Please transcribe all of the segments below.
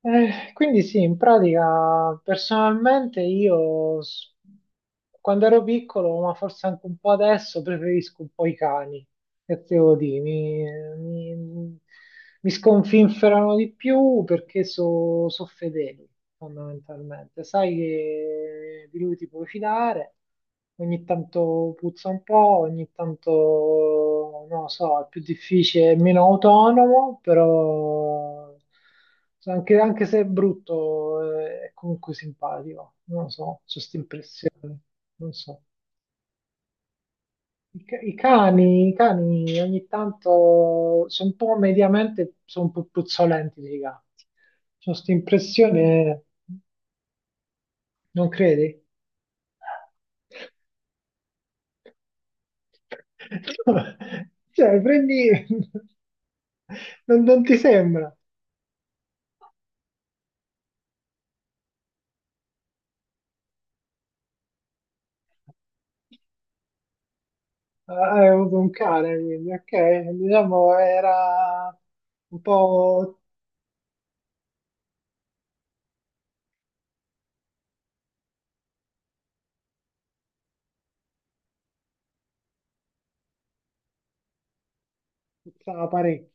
Quindi sì, in pratica personalmente quando ero piccolo, ma forse anche un po' adesso, preferisco un po' i cani, che te devo dire, mi- mi sconfinferano di più perché sono fedeli fondamentalmente. Sai che di lui ti puoi fidare, ogni tanto puzza un po', ogni tanto, non lo so, è più difficile, è meno autonomo, però anche se è brutto, è comunque simpatico, non lo so, ho questa impressione, non so. I cani ogni tanto sono un po' mediamente, sono un po' puzzolenti dei gatti. Ho questa impressione, non credi? Cioè, prendi... Non ti sembra? Ah, hai avuto un cane, quindi, ok. Diciamo era un po'... stava parecchio,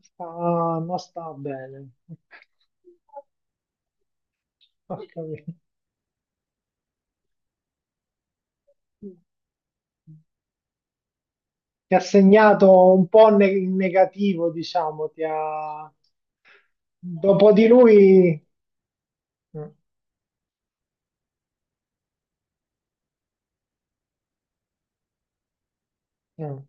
non stava bene. Ho capito. Ti ha segnato un po' in negativo, diciamo, ti ha... Dopo di lui... Mm, mm.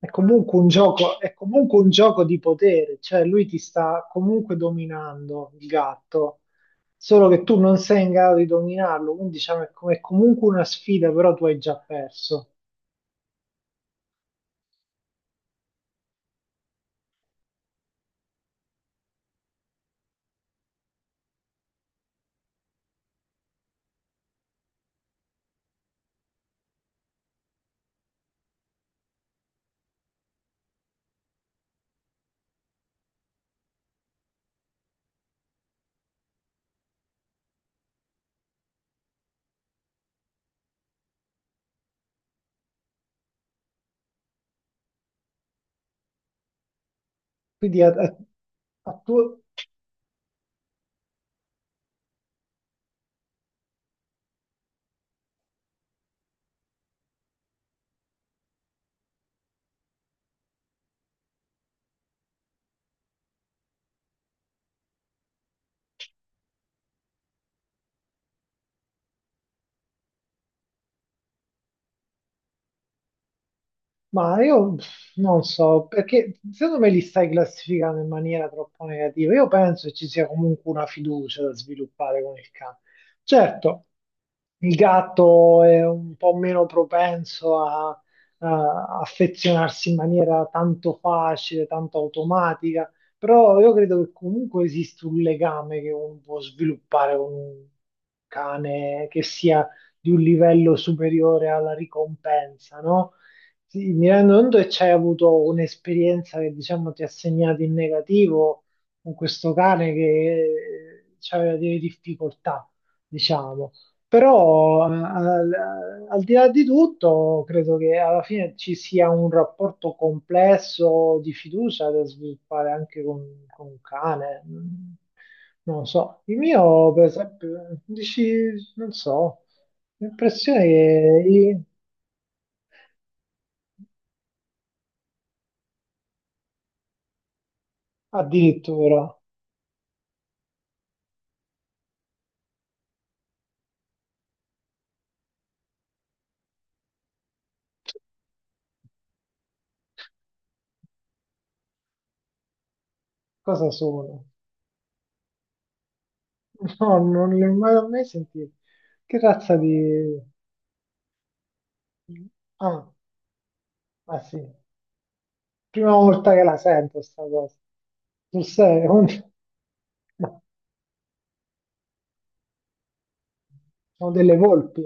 È comunque un gioco, è comunque un gioco di potere, cioè lui ti sta comunque dominando, il gatto, solo che tu non sei in grado di dominarlo, quindi diciamo è comunque una sfida, però tu hai già perso. Quindi a tuo- Ma io non so, perché secondo me li stai classificando in maniera troppo negativa. Io penso che ci sia comunque una fiducia da sviluppare con il cane. Certo, il gatto è un po' meno propenso a affezionarsi in maniera tanto facile, tanto automatica, però io credo che comunque esista un legame che uno può sviluppare con un cane che sia di un livello superiore alla ricompensa, no? Sì, mi rendo conto che c'hai avuto un'esperienza che diciamo ti ha segnato in negativo con questo cane che aveva delle difficoltà, diciamo. Però al di là di tutto, credo che alla fine ci sia un rapporto complesso di fiducia da sviluppare anche con un cane. Mm, non lo so, il mio, per esempio, dici, non so, l'impressione che addirittura, cosa sono? No, non li ho mai, mai sentiti. Che razza di... Ah, ah sì, prima volta che la sento sta cosa. Tu sei? Un... No, sono delle volpi,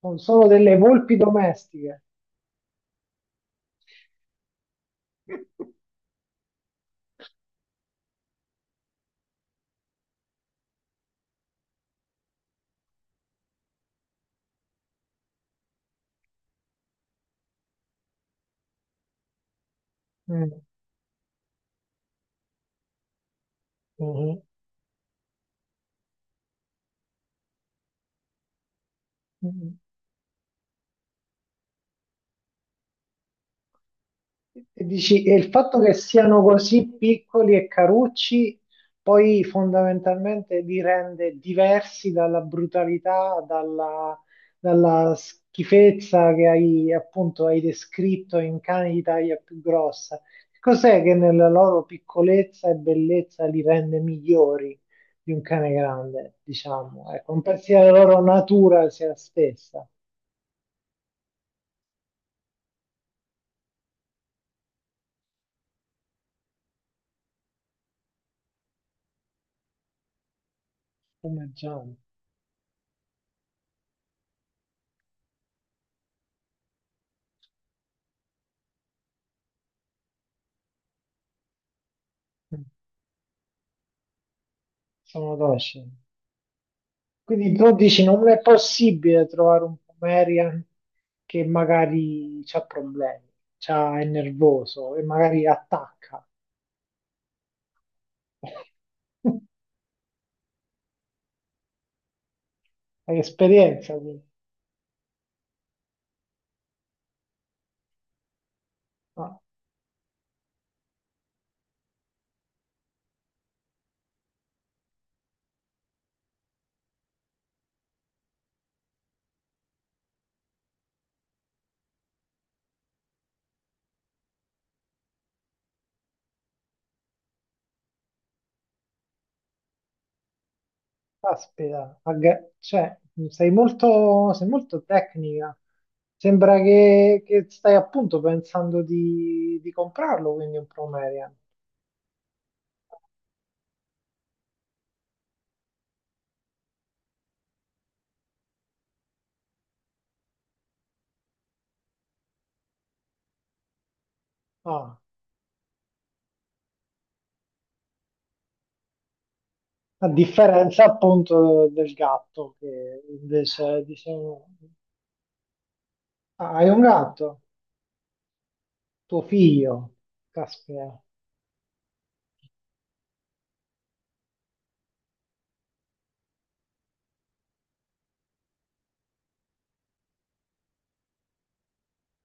non sono delle volpi domestiche. Mm, mhm, mhm. E dici, e il fatto che siano così piccoli e carucci poi fondamentalmente li rende diversi dalla brutalità, dalla schifezza che hai appunto hai descritto in cani di taglia più grossa. Cos'è che nella loro piccolezza e bellezza li rende migliori di un cane grande, diciamo? Ecco, un pezzo della loro natura sia stessa, come Gian. Sono docili. Quindi tu dici non è possibile trovare un Pomerian che magari ha problemi, è nervoso e magari attacca. Hai esperienza, quindi. No, caspita, cioè, sei molto tecnica. Sembra che stai appunto pensando di comprarlo, quindi un Pomerian. Ah, a differenza appunto del gatto che invece dice... Ah, hai un gatto? Tuo figlio, caspita,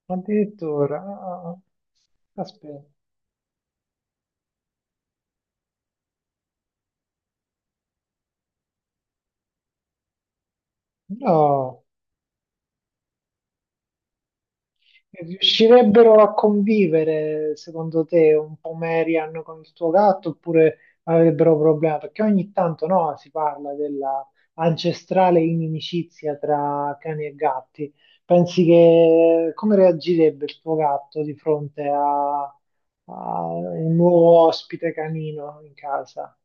addirittura, ah, ah, caspita, no, riuscirebbero a convivere secondo te un po' Marian con il tuo gatto oppure avrebbero problemi? Perché ogni tanto, no, si parla della ancestrale inimicizia tra cani e gatti. Pensi che come reagirebbe il tuo gatto di fronte a un nuovo ospite canino in casa?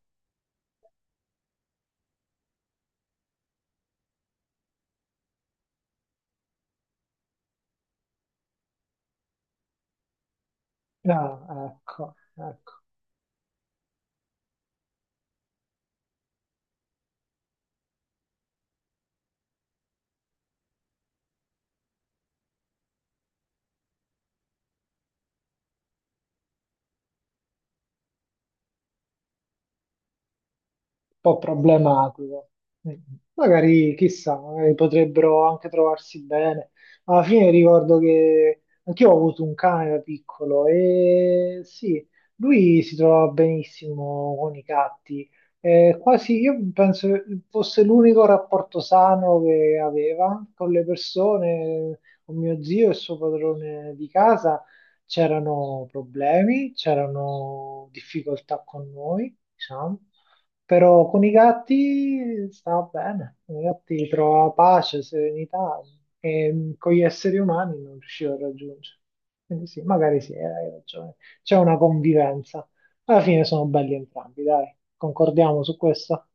Ah, ecco, ecco. Po' problematico. Mm. Magari, chissà, magari potrebbero anche trovarsi bene. Alla fine ricordo che anch'io ho avuto un cane da piccolo e sì, lui si trovava benissimo con i gatti. Quasi io penso che fosse l'unico rapporto sano che aveva con le persone, con mio zio e il suo padrone di casa. C'erano problemi, c'erano difficoltà con noi, diciamo. Però con i gatti stava bene, con i gatti trovava pace, serenità e con gli esseri umani non riusciva a raggiungere. Quindi sì, magari sì, hai ragione. C'è una convivenza. Alla fine sono belli entrambi, dai, concordiamo su questo?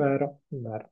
Vero, vero.